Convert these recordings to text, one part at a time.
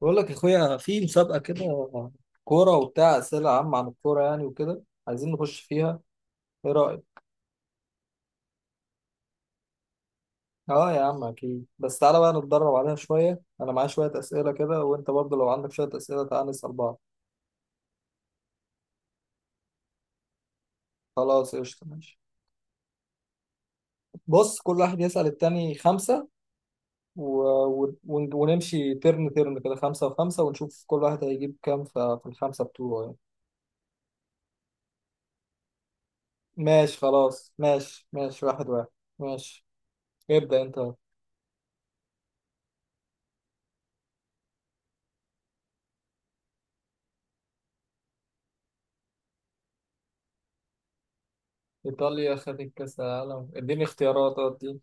بقول لك يا اخويا في مسابقه كده، كوره وبتاع اسئله عامه عن الكوره يعني، وكده عايزين نخش فيها. ايه رايك؟ اه يا عم، اكيد. بس تعالى بقى نتدرب عليها شويه، انا معايا شويه اسئله كده، وانت برضه لو عندك شويه اسئله تعالى نسال بعض. خلاص قشطه، ماشي. بص، كل واحد يسال التاني خمسه و... ونمشي ترن ترن كده، خمسه وخمسه، ونشوف كل واحد هيجيب كام في الخمسه بتوعه يعني. ماشي خلاص، ماشي ماشي، واحد واحد. ماشي، ابدا انت. إيطاليا خدت كأس العالم، اديني اختيارات، ادي.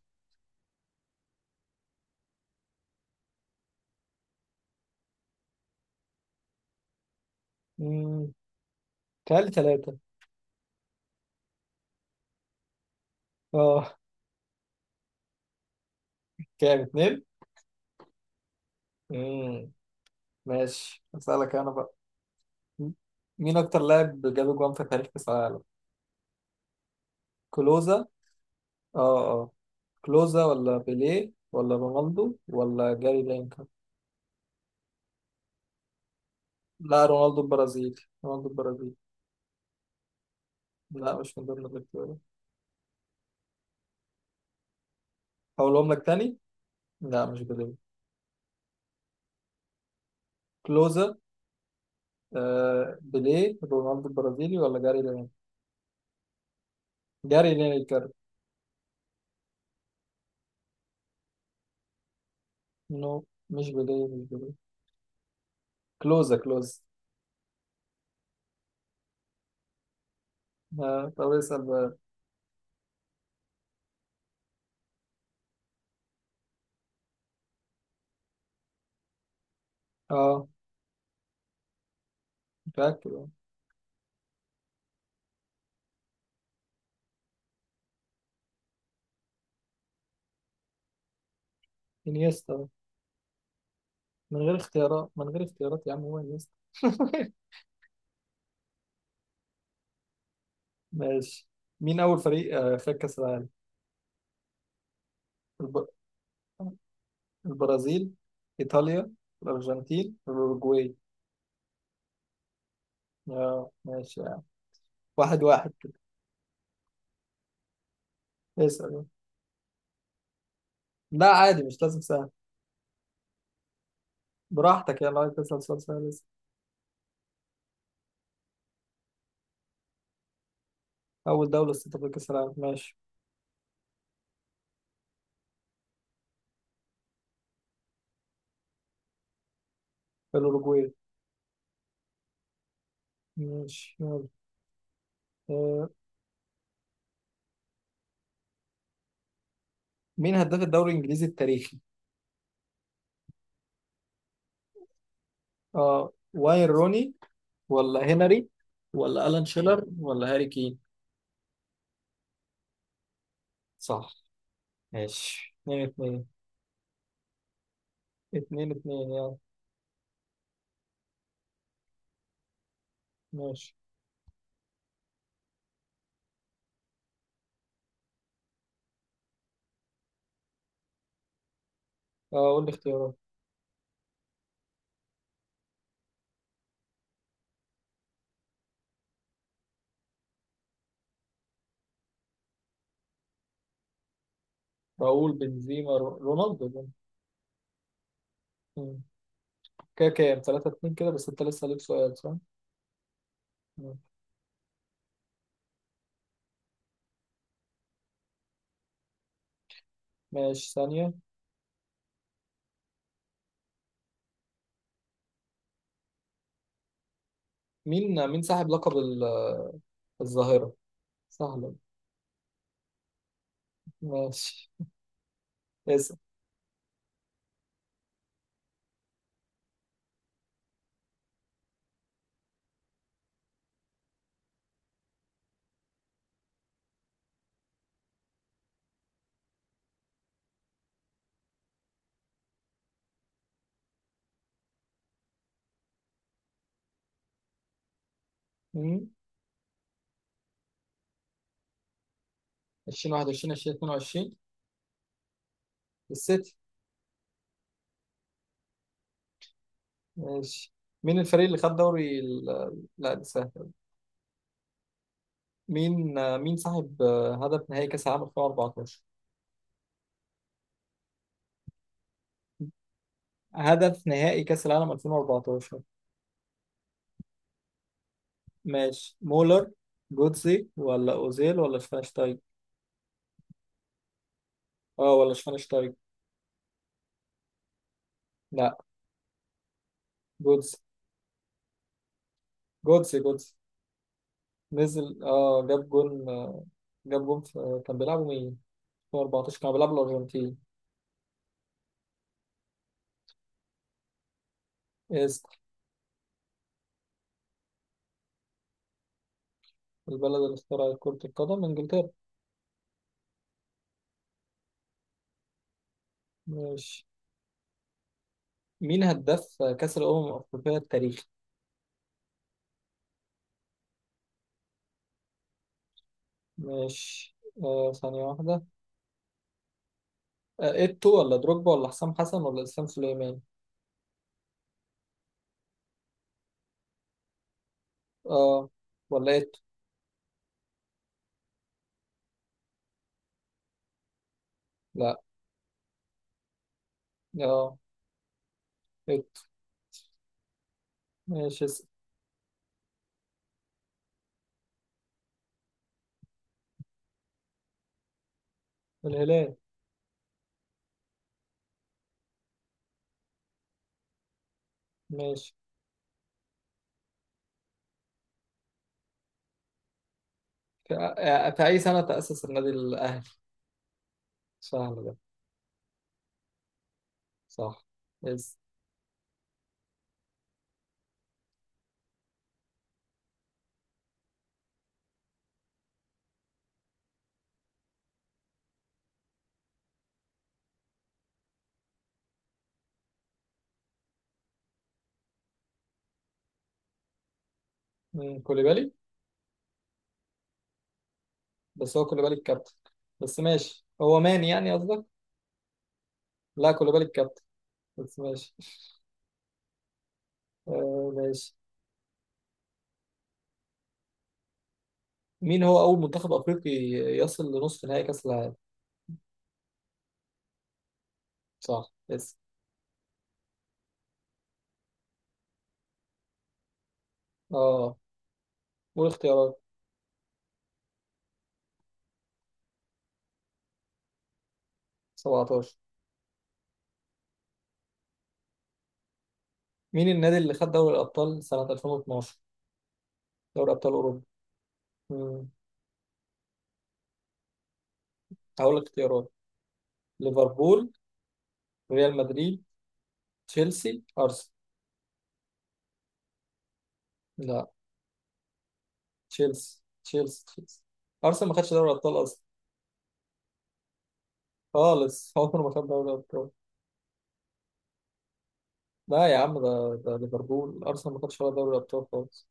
امم تعالي ثلاثة. اه. كام؟ اتنين. امم ماشي، أسألك أنا بقى. م- مين أكتر لاعب جاب جوان في تاريخ كأس العالم؟ كلوزا. اه اه. كلوزا ولا بيليه ولا رونالدو ولا جاري لينكر؟ لا، رونالدو البرازيلي، رونالدو البرازيلي. لا، مش من ضمن الاختيارات. أقولهم لك تاني؟ لا، مش بيليه، كلوزا. آه، بيليه، رونالدو البرازيلي ولا جاري لينكر؟ جاري لينكر. نو، مش بيليه، مش بيليه، كلوزا كلوز. آه، طب اسأل بقى. اه، متأكد آه. انيستا، من غير اختيارات، من غير اختيارات يا عم، هو انيستا. ماشي، مين أول فريق خد كأس العالم؟ الب... البرازيل، إيطاليا، الأرجنتين، الأوروجواي. اه ماشي يعني. واحد واحد كده. اسأل. لا عادي، مش لازم سهل. براحتك يعني، لو عايز تسأل سؤال سهل اسأل. أول دولة استضافت كأس العالم، ماشي. الأوروجواي. ماشي، يلا. آه، مين هداف الدوري الإنجليزي التاريخي؟ اه، واين روني ولا هنري ولا ألان شيلر ولا هاري كين. صح. ماشي، اتنين اتنين. اتنين اتنين يعني. ماشي، اه، قول لي اختيارات. راؤول، بنزيما، رونالدو ده. مم. كده كام؟ تلاتة اتنين كده. بس انت لسه ليك سؤال صح؟ مم. ماشي ثانية. مين صاحب لقب الظاهرة؟ سهلة. ماشي، اسأل. مم. 2021 2022. السيتي. ماشي، مين الفريق اللي خد دوري لا، ده سهل. مين صاحب هدف نهائي كأس العالم 2014؟ هدف نهائي كأس العالم 2014. ماشي، مولر، جوتزي ولا أوزيل ولا شفاينشتايج؟ اه، ولا شفاينشتايج. لا، جوتزي جوتزي جوتزي. نزل جاب جون، في كان بيلعبوا مين؟ 2014 كانوا بيلعبوا الأرجنتين. اسم. البلد اللي اخترعت كرة القدم إنجلترا. ماشي، مين هداف كأس الأمم الأفريقية التاريخي؟ ماشي، ثانية واحدة. ايتو ولا دروجبا ولا حسام حسن ولا اسلام سليمان؟ اه، ولا ايتو؟ لا، اه، ايتو. ماشي، اسم. الهلال. ماشي، في اي سنة تأسس النادي الاهلي؟ سهل ده. صح، يس. كوليبالي. بس هو كوليبالي الكابتن. بس ماشي، هو ماني يعني قصدك. لا، كوليبالي الكابتن. بس ماشي. ماشي، مين هو اول منتخب افريقي يصل لنصف نهائي كاس العالم؟ صح، يس. اه، والاختيارات. 17. مين النادي اللي خد دوري الأبطال سنة 2012؟ دوري أبطال أوروبا. مم. هقول لك اختيارات. ليفربول، ريال مدريد، تشيلسي، أرسنال. لا، تشيلسي تشيلسي تشيلسي. أرسنال ما خدش دوري الأبطال أصلا خالص. عمره ما خد دوري الأبطال. لا يا عم، ده ليفربول. أرسنال ما خدش ولا دوري الأبطال خالص.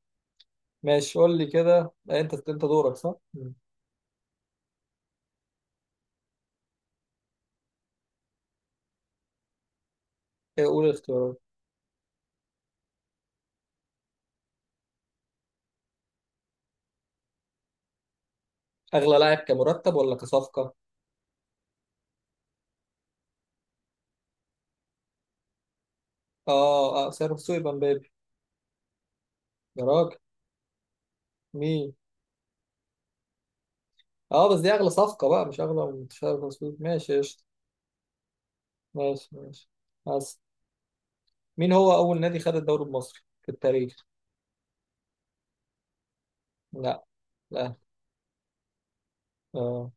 ماشي، قول لي كده. أنت دورك صح؟ مم. إيه، قول الاختيارات. أغلى لاعب كمرتب ولا كصفقة؟ آه آه، سعره في السوق يبقى مبابي. يا راجل. مين؟ اه، بس دي اغلى صفقة بقى، مش اغلى من تشابي الونسو. ماشي قشطة. ماشي ماشي، بس. مين هو اول نادي خد الدوري المصري في التاريخ؟ لا، الاهلي. اه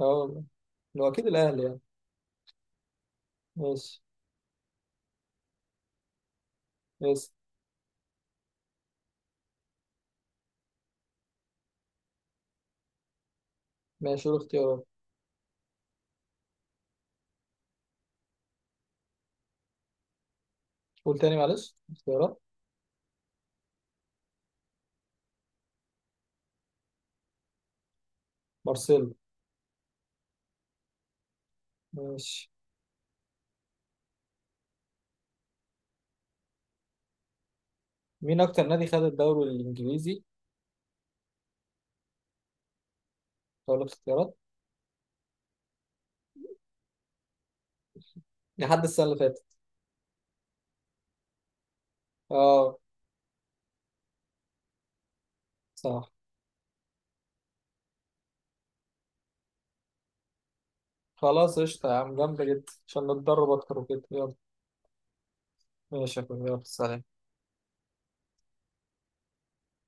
اه والله. هو اكيد الاهلي يعني. ماشي بس. ماشي، قول اختيارات. قول تاني معلش اختيارات. مارسيلو. ماشي، مين اكتر نادي خد الدوري الانجليزي؟ اقول لك اختيارات؟ لحد السنة اللي فاتت. اه، صح. خلاص قشطة يا عم، جامدة جدا عشان نتدرب اكتر وكده، يلا. ماشي يا أخوي، يلا، سلام.